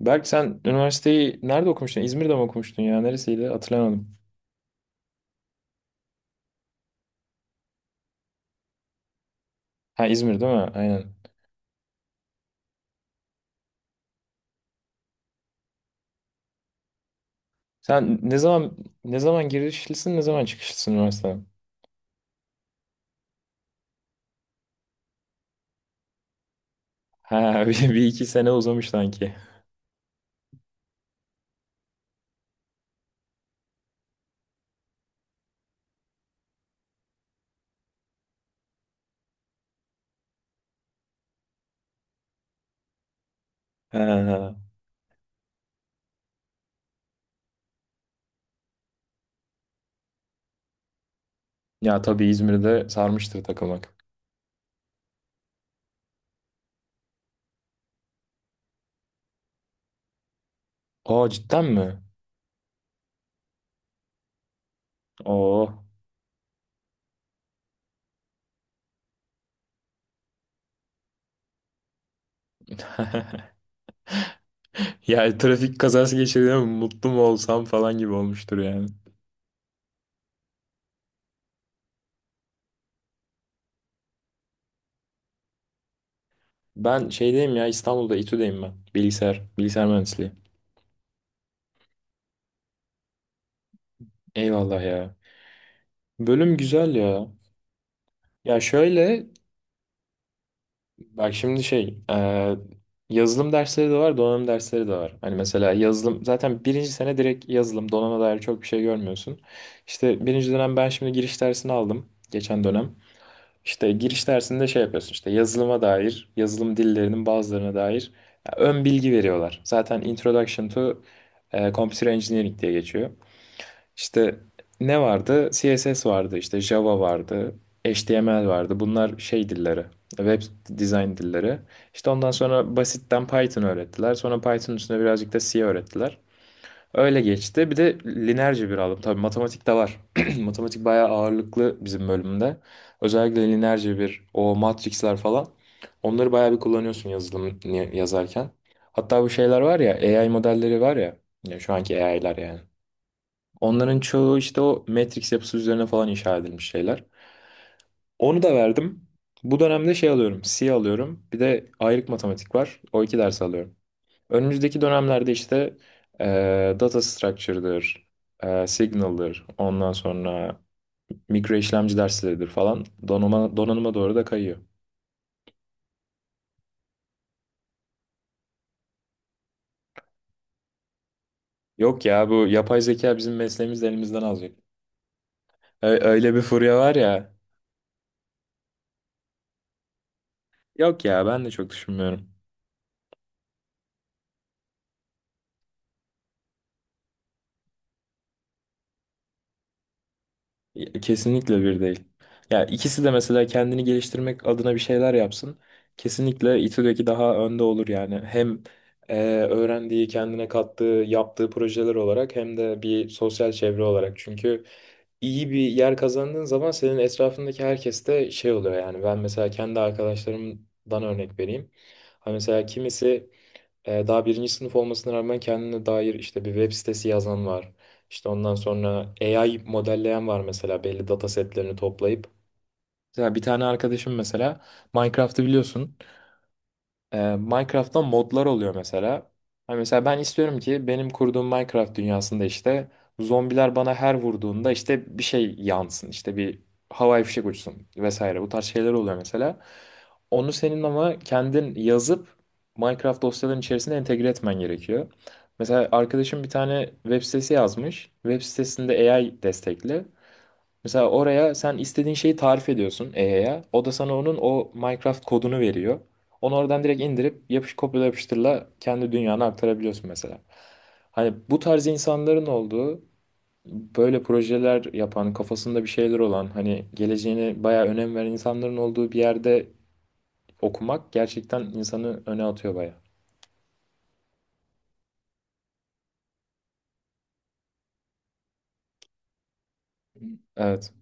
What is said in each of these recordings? Berk, sen üniversiteyi nerede okumuştun? İzmir'de mi okumuştun ya? Neresiydi? Hatırlamadım. Ha, İzmir değil mi? Aynen. Sen ne zaman girişlisin, ne zaman çıkışlısın üniversiteden? Ha, bir iki sene uzamış sanki. Ha. Ya tabii İzmir'de sarmıştır takılmak. Aa, cidden mi? Oo. Ya, trafik kazası geçirdim, mutlu mu olsam falan gibi olmuştur yani. Ben şeydeyim ya, İstanbul'da, İTÜ'deyim ben. Bilgisayar mühendisliği. Eyvallah ya. Bölüm güzel ya. Ya şöyle, bak şimdi şey, yazılım dersleri de var, donanım dersleri de var. Hani mesela yazılım, zaten birinci sene direkt yazılım, donanıma dair çok bir şey görmüyorsun. İşte birinci dönem ben şimdi giriş dersini aldım, geçen dönem. İşte giriş dersinde şey yapıyorsun, işte yazılıma dair, yazılım dillerinin bazılarına dair ya, ön bilgi veriyorlar. Zaten Introduction to Computer Engineering diye geçiyor. İşte ne vardı? CSS vardı, işte Java vardı, HTML vardı. Bunlar şey dilleri, web design dilleri. İşte ondan sonra basitten Python öğrettiler. Sonra Python üstüne birazcık da C öğrettiler. Öyle geçti. Bir de linerci bir aldım. Tabii matematik de var. Matematik bayağı ağırlıklı bizim bölümde. Özellikle linerci bir, o matrixler falan. Onları bayağı bir kullanıyorsun yazılım yazarken. Hatta bu şeyler var ya, AI modelleri var ya. Ya, şu anki AI'lar yani. Onların çoğu işte o Matrix yapısı üzerine falan inşa edilmiş şeyler. Onu da verdim. Bu dönemde şey alıyorum, C alıyorum. Bir de ayrık matematik var. O iki ders alıyorum. Önümüzdeki dönemlerde işte data structure'dır, signal'dır, ondan sonra mikro işlemci dersleridir falan, donanıma doğru da kayıyor. Yok ya, bu yapay zeka bizim mesleğimizi de elimizden alacak. Öyle bir furya var ya. Yok ya, ben de çok düşünmüyorum. Ya, kesinlikle bir değil. Ya, ikisi de mesela kendini geliştirmek adına bir şeyler yapsın. Kesinlikle İTÜ'deki daha önde olur yani. Hem e, öğrendiği, kendine kattığı, yaptığı projeler olarak hem de bir sosyal çevre olarak. Çünkü iyi bir yer kazandığın zaman senin etrafındaki herkes de şey oluyor yani. Ben mesela kendi arkadaşlarımdan örnek vereyim. Ha, mesela kimisi daha birinci sınıf olmasına rağmen kendine dair işte bir web sitesi yazan var. İşte ondan sonra AI modelleyen var mesela, belli data setlerini toplayıp. Mesela bir tane arkadaşım mesela Minecraft'ı biliyorsun. Minecraft'ta modlar oluyor mesela. Hani mesela ben istiyorum ki benim kurduğum Minecraft dünyasında işte zombiler bana her vurduğunda işte bir şey yansın, işte bir havai fişek uçsun vesaire. Bu tarz şeyler oluyor mesela. Onu senin ama kendin yazıp Minecraft dosyaların içerisine entegre etmen gerekiyor. Mesela arkadaşım bir tane web sitesi yazmış. Web sitesinde AI destekli. Mesela oraya sen istediğin şeyi tarif ediyorsun EA'ya. O da sana onun o Minecraft kodunu veriyor. Onu oradan direkt indirip yapış kopyala yapıştırla kendi dünyana aktarabiliyorsun mesela. Hani bu tarz insanların olduğu, böyle projeler yapan, kafasında bir şeyler olan, hani geleceğine bayağı önem veren insanların olduğu bir yerde okumak gerçekten insanı öne atıyor bayağı. Evet.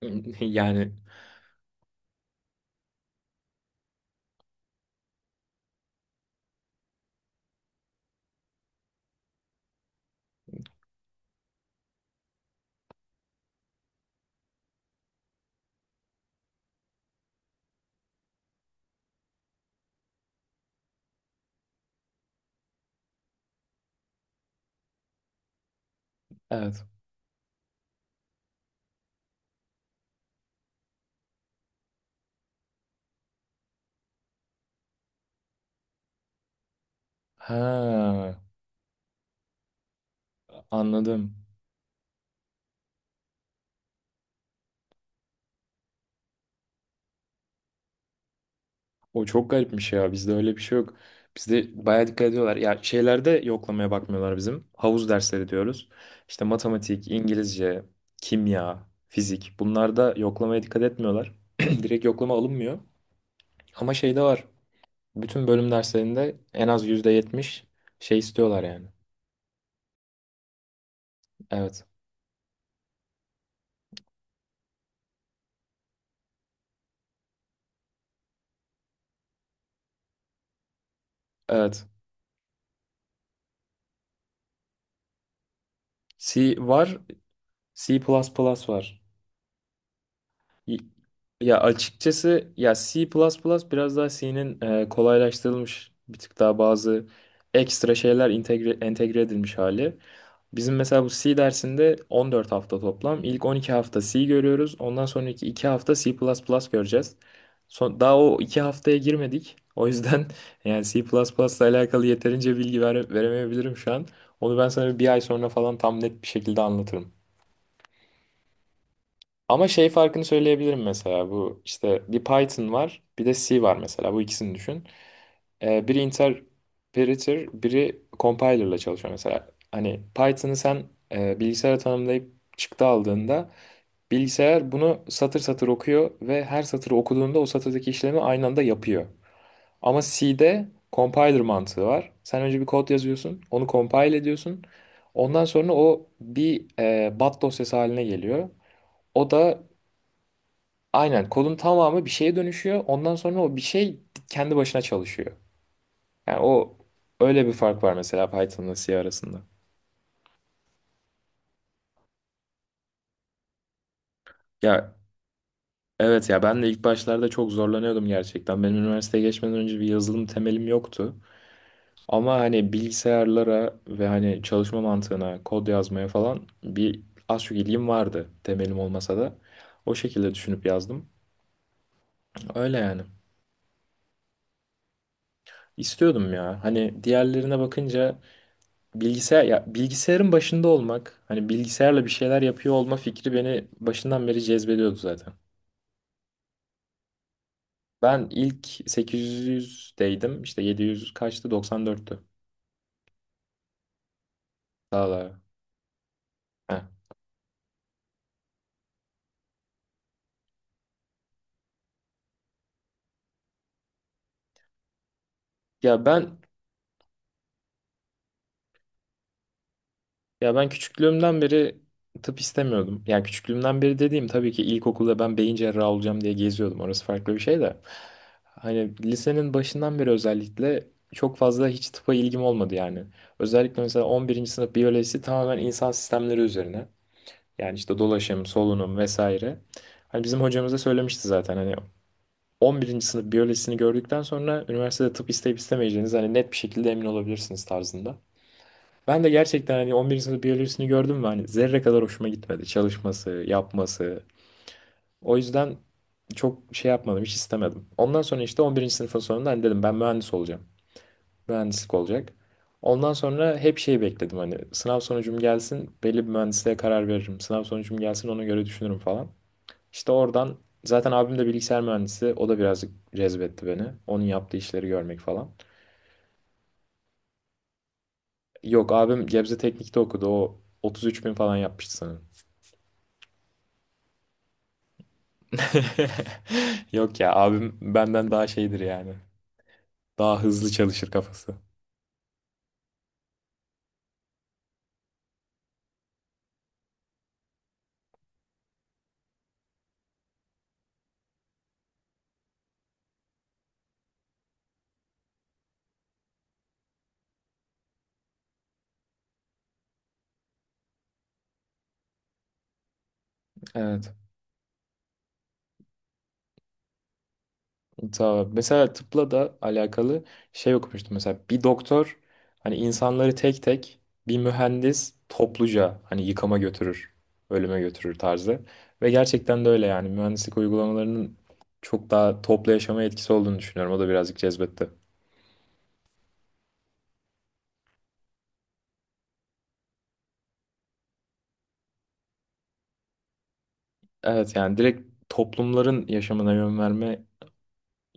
Yani evet. Ha, anladım. O çok garipmiş ya. Bizde öyle bir şey yok. Bizde bayağı dikkat ediyorlar. Ya, şeylerde yoklamaya bakmıyorlar bizim. Havuz dersleri diyoruz. İşte matematik, İngilizce, kimya, fizik. Bunlarda yoklamaya dikkat etmiyorlar. Direkt yoklama alınmıyor. Ama şeyde var. Bütün bölüm derslerinde en az %70 şey istiyorlar yani. Evet. Evet. C var. C++ var. Y- Ya, açıkçası ya C++ biraz daha C'nin kolaylaştırılmış, bir tık daha bazı ekstra şeyler entegre edilmiş hali. Bizim mesela bu C dersinde 14 hafta toplam. İlk 12 hafta C görüyoruz. Ondan sonraki 2 hafta C++ göreceğiz. Son, daha o 2 haftaya girmedik. O yüzden yani C++ ile alakalı yeterince bilgi veremeyebilirim şu an. Onu ben sana bir ay sonra falan tam net bir şekilde anlatırım. Ama şey farkını söyleyebilirim mesela, bu işte bir Python var bir de C var mesela, bu ikisini düşün. Biri interpreter biri compiler'la çalışıyor mesela. Hani Python'ı sen bilgisayara tanımlayıp çıktı aldığında bilgisayar bunu satır satır okuyor ve her satırı okuduğunda o satırdaki işlemi aynı anda yapıyor. Ama C'de compiler mantığı var. Sen önce bir kod yazıyorsun, onu compile ediyorsun. Ondan sonra o bir bat dosyası haline geliyor. O da aynen, kodun tamamı bir şeye dönüşüyor. Ondan sonra o bir şey kendi başına çalışıyor. Yani o, öyle bir fark var mesela Python'la C arasında. Ya evet, ya ben de ilk başlarda çok zorlanıyordum gerçekten. Benim üniversiteye geçmeden önce bir yazılım temelim yoktu. Ama hani bilgisayarlara ve hani çalışma mantığına, kod yazmaya falan bir az çok ilgim vardı, temelim olmasa da. O şekilde düşünüp yazdım. Öyle yani. İstiyordum ya. Hani diğerlerine bakınca bilgisayar, ya bilgisayarın başında olmak, hani bilgisayarla bir şeyler yapıyor olma fikri beni başından beri cezbediyordu zaten. Ben ilk 800'deydim. İşte 700 kaçtı? 94'tü. Daha da. Heh. Ya ben ya ben küçüklüğümden beri tıp istemiyordum. Yani küçüklüğümden beri dediğim tabii ki ilkokulda ben beyin cerrahı olacağım diye geziyordum. Orası farklı bir şey de. Hani lisenin başından beri özellikle çok fazla hiç tıpa ilgim olmadı yani. Özellikle mesela 11. sınıf biyolojisi tamamen insan sistemleri üzerine. Yani işte dolaşım, solunum vesaire. Hani bizim hocamız da söylemişti zaten, hani on birinci sınıf biyolojisini gördükten sonra üniversitede tıp isteyip istemeyeceğiniz hani net bir şekilde emin olabilirsiniz tarzında. Ben de gerçekten hani on birinci sınıf biyolojisini gördüm ve hani zerre kadar hoşuma gitmedi. Çalışması, yapması. O yüzden çok şey yapmadım, hiç istemedim. Ondan sonra işte on birinci sınıfın sonunda hani dedim ben mühendis olacağım. Mühendislik olacak. Ondan sonra hep şey bekledim hani, sınav sonucum gelsin belli bir mühendisliğe karar veririm. Sınav sonucum gelsin ona göre düşünürüm falan. İşte oradan zaten abim de bilgisayar mühendisi. O da birazcık cezbetti beni, onun yaptığı işleri görmek falan. Yok, abim Gebze Teknik'te okudu. O 33 bin falan yapmıştı sanırım. Yok ya, abim benden daha şeydir yani. Daha hızlı çalışır kafası. Evet. Tamam. Mesela tıpla da alakalı şey okumuştum. Mesela bir doktor hani insanları tek tek, bir mühendis topluca hani yıkama götürür, ölüme götürür tarzı. Ve gerçekten de öyle yani, mühendislik uygulamalarının çok daha toplu yaşama etkisi olduğunu düşünüyorum. O da birazcık cezbetti. Evet yani direkt toplumların yaşamına yön verme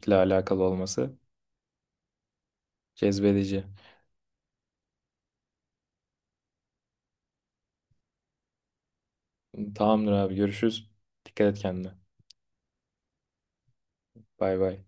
ile alakalı olması cezbedici. Tamamdır abi, görüşürüz. Dikkat et kendine. Bay bay.